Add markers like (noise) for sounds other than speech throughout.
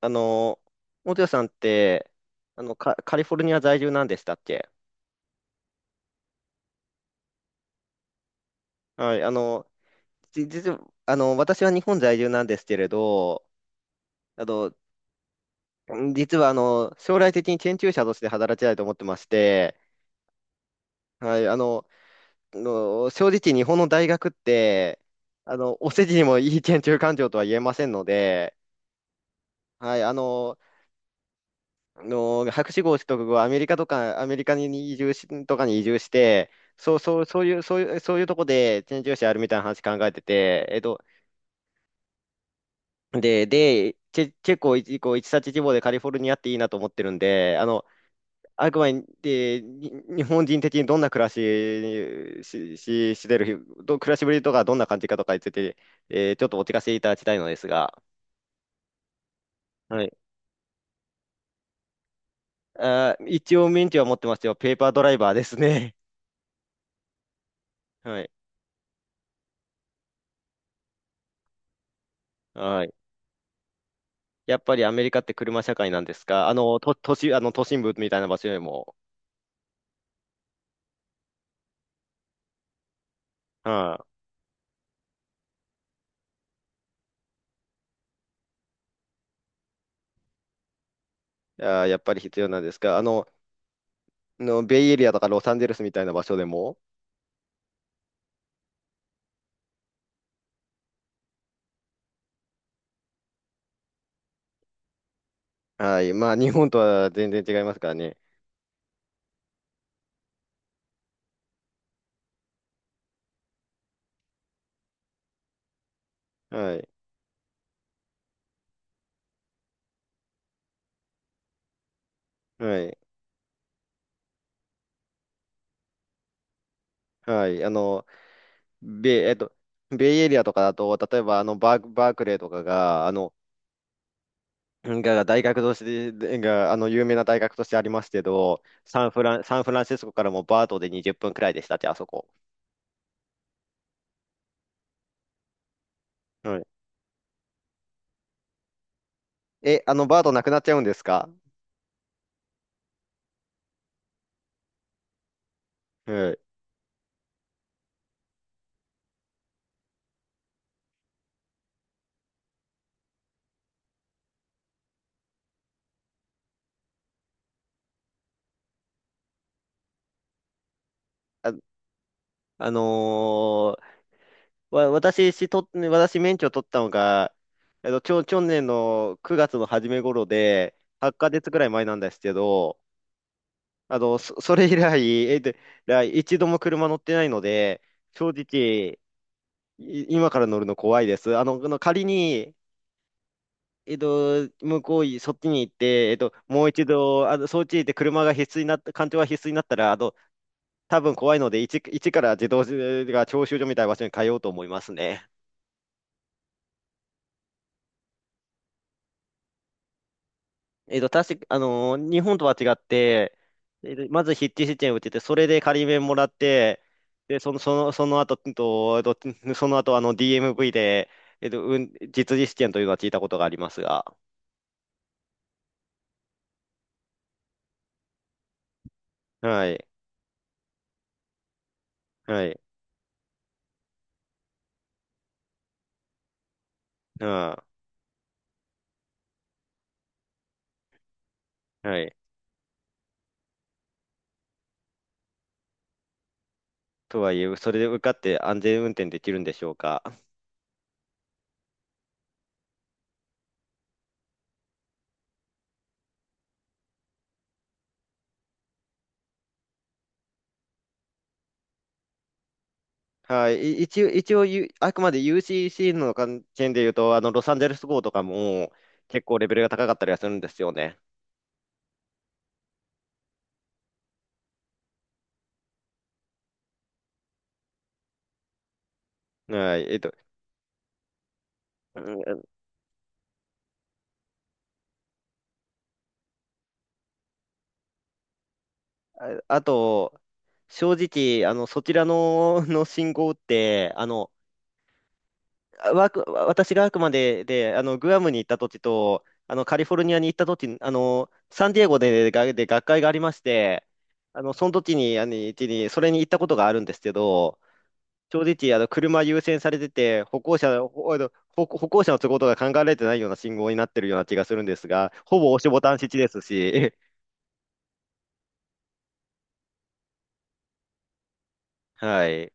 あの、元谷さんって、カリフォルニア在住なんでしたっけ？はい。実は、私は日本在住なんですけれど、あの、実は、あの、将来的に研究者として働きたいと思ってまして、はい。正直日本の大学って、お世辞にもいい研究環境とは言えませんので、はい。博士号取得後、アメリカとか、アメリカに移住し、とかに移住して、そう、そう、そういう、そういう、そういうとこでチェンジしあるみたいな話考えてて、で、チェ、チェコ一、こ一冊地方でカリフォルニアっていいなと思ってるんで、あくまで、日本人的にどんな暮らしにし、し、してる、ど、暮らしぶりとかどんな感じかとかについて、ちょっとお聞かせいただきたいのですが、はい。一応免許は持ってますよ。ペーパードライバーですね。(laughs) はい。はい。やっぱりアメリカって車社会なんですか？あの、と、都市、あの、都心部みたいな場所よりも、はい。やっぱり必要なんですか？ベイエリアとかロサンゼルスみたいな場所でも、はい、まあ、日本とは全然違いますからね。はい、はい、はい。ベイ、えっと、ベイエリアとかだと、例えば、バークレーとかが、大学としてでが、あの、有名な大学としてありますけど、サンフランシスコからもバートで20分くらいでしたって、あそこ。はい。え、あの、バートなくなっちゃうんですか？はい。あ、あのーわ、私、しと、私、免許取ったのが、去年の9月の初め頃で、8ヶ月ぐらい前なんですけど、それ以来、えっと、一度も車乗ってないので、正直、今から乗るの怖いです。あの、仮に、えっと、向こうい、そっちに行って、もう一度、そっちに行って車が必須になった、環境が必須になったら、多分怖いので、一から自動が教習所みたいな場所に通おうと思いますね。確か、日本とは違って、まず筆致試験を受けて、それで仮免もらって、で、その、その、その後、うんと、えっとその後、DMV で、実技試験というのは聞いたことがありますが、はい、はい、うん、はい。とはいえ、それで受かって安全運転できるんでしょうか。はい。一応、あくまで UCC の関係で言うと、ロサンゼルス号とかも結構レベルが高かったりはするんですよね。はい。うんあと、正直、あの、そちらの、の信号って、私があくまで、グアムに行った時と、カリフォルニアに行った時、サンディエゴで、学会がありまして、その時に、それに行ったことがあるんですけど、正直、車優先されてて、歩行者の都合とか考えられてないような信号になってるような気がするんですが、ほぼ押しボタン設置ですし、(laughs) はい、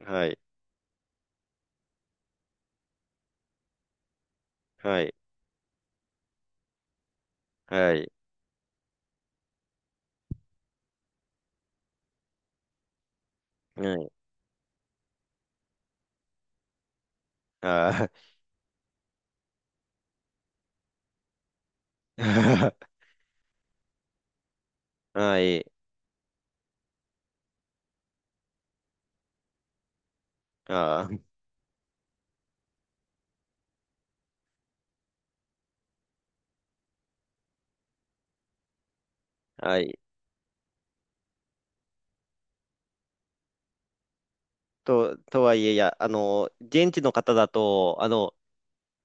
はい、はい、はい、はい、あー。 (laughs) はい。あーはい。とはいえ、いや、現地の方だと、あの、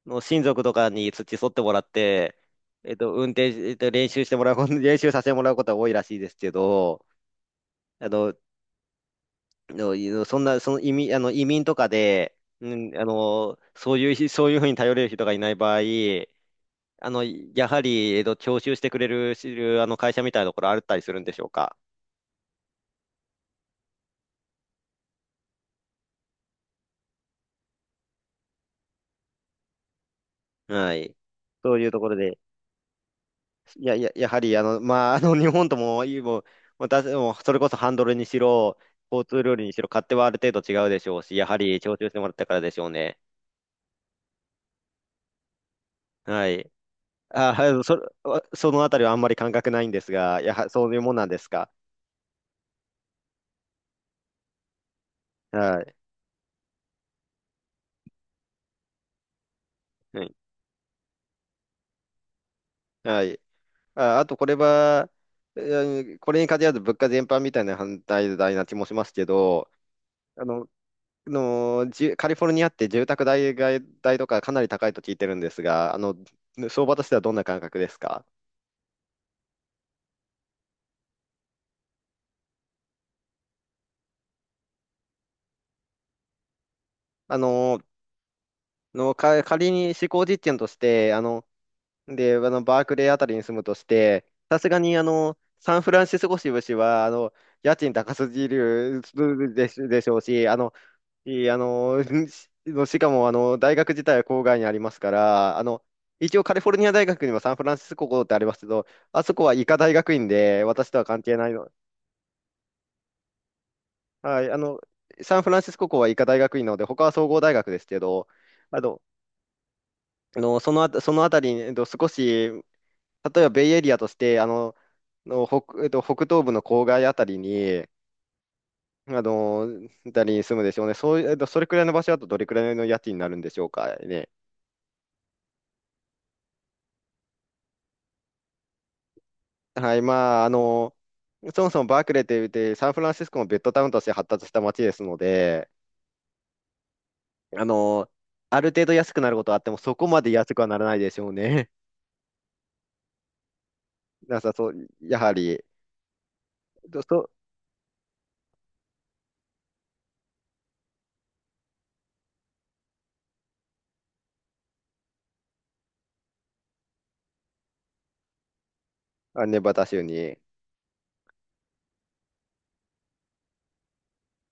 の親族とかに付き添ってもらって、えっと、運転し、えっと、練習してもらうこと、練習させてもらうことは多いらしいですけど、あの、のそんな、その移民とかで、うん、あの、そういうひ、(laughs) そういうふうに頼れる人がいない場合、やはり、徴収してくれる、会社みたいなところあったりするんでしょうか？はい。そういうところで、いや、いや、やはり、まあ、(laughs) 日本とも、いいもう、ももうそれこそハンドルにしろ、交通ルールにしろ、勝手はある程度違うでしょうし、やはり、徴収してもらったからでしょうね。はい。はい。そのあたりはあんまり感覚ないんですが、そういうもんなんですか？はい。はい。あと、これは、うんこれに限らず物価全般みたいな反対代な気もしますけど、あの、カリフォルニアって住宅代が、代とかかなり高いと聞いてるんですが、相場としてはどんな感覚ですか？あの、仮に試行実験として、あの、で、あの、バークレーあたりに住むとして、さすがに、サンフランシスコ支部市は、家賃高すぎるでしょうし、あの、いい、あの、(laughs) しかも、大学自体は郊外にありますから、一応カリフォルニア大学にはサンフランシスコ校ってありますけど、あそこは医科大学院で、私とは関係ないの。はい。サンフランシスコ校は医科大学院なので、他は総合大学ですけど、あの、そのあたりに、例えばベイエリアとして、北、北東部の郊外あたりに、あの、あたりに住むでしょうね。そういう、それくらいの場所だとどれくらいの家賃になるんでしょうかね。はい、まあ、そもそもバークレーって言って、サンフランシスコもベッドタウンとして発達した街ですので、あの、ある程度安くなることはあっても、そこまで安くはならないでしょうね。(laughs) なさそう、やはり。そうそう。ネバダ州に。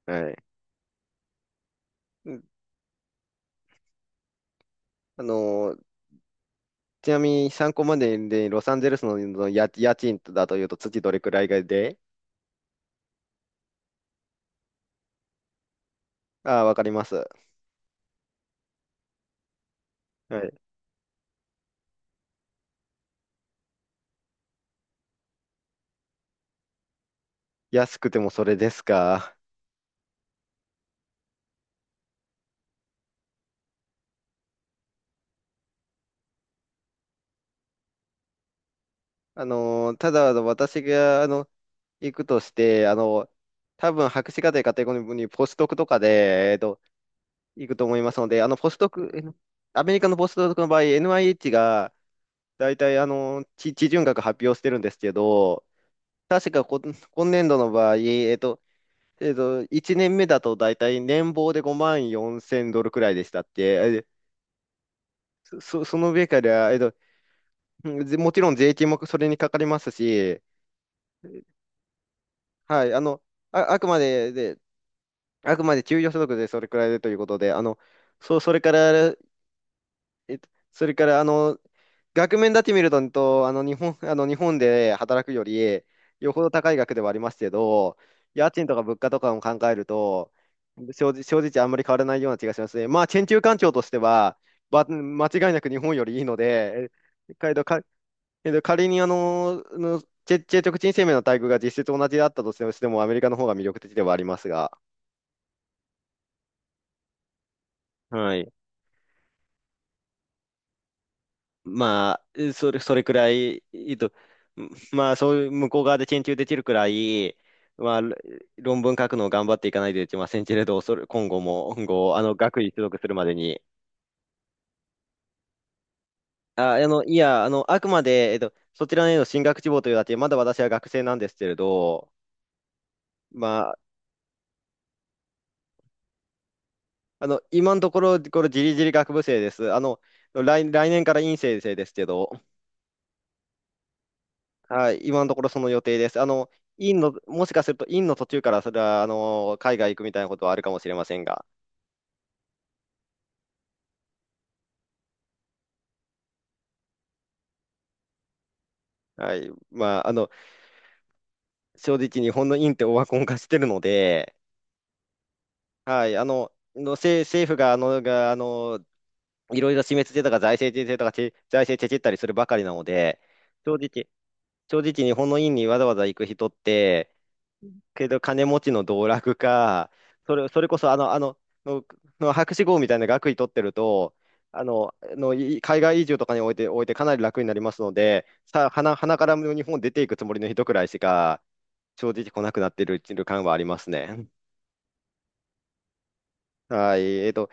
はい。うん。あの、ちなみに参考までで、ロサンゼルスの家賃だというと、月どれくらいがで、ああ、わかります。はい。安くてもそれですか？ただ、私が、行くとして、多分博士課程カテゴリーにポスドクとかで、行くと思いますので、あの、ポスドク、えのアメリカのポスドクの場合、NIH が大体、地準学発表してるんですけど、確かこ、今年度の場合、1年目だと大体年俸で5万4千ドルくらいでしたって、えその上から、えっと、うんぜもちろん税金もそれにかかりますし、はい。あの、あ、あくまで、であくまで給与所得でそれくらいでということで、そう、それから、それから、額面だけ見ると、とあの、日本、(laughs) 日本で働くより、よほど高い額ではありますけど、家賃とか物価とかも考えると、正直あんまり変わらないような気がしますね。まあ、研究環境としては、間違いなく日本よりいいので、えけど、か、けど仮に、結局人生命の待遇が実質同じだったとしても、アメリカの方が魅力的ではありますが。はい。まあ、それくらい、(laughs) まあ、そういう向こう側で研究できるくらい、まあ、論文書くのを頑張っていかないといけませんけれど、それ、今後も、今後、学位取得するまでに。いや、あくまで、そちらへの進学志望というだけ、まだ私は学生なんですけれど、まあ、今のところ、これ、じりじり学部生です。来年から院生生ですけど、はい、今のところその予定です。もしかすると院の途中からそれは、海外行くみたいなことはあるかもしれませんが、はい、まあ、正直日本の院ってオワコン化してるので、はい。政府が、いろいろ示してたか財政税制とか財政チェチったりするばかりなので、正直、正直日本の院にわざわざ行く人って、けど金持ちの道楽か、それこそあの、あの、の、の博士号みたいな学位取ってると、海外移住とかにおいて、おいてかなり楽になりますので、さあ、鼻から日本出ていくつもりの人くらいしか、正直来なくなっている感はありますね。はい。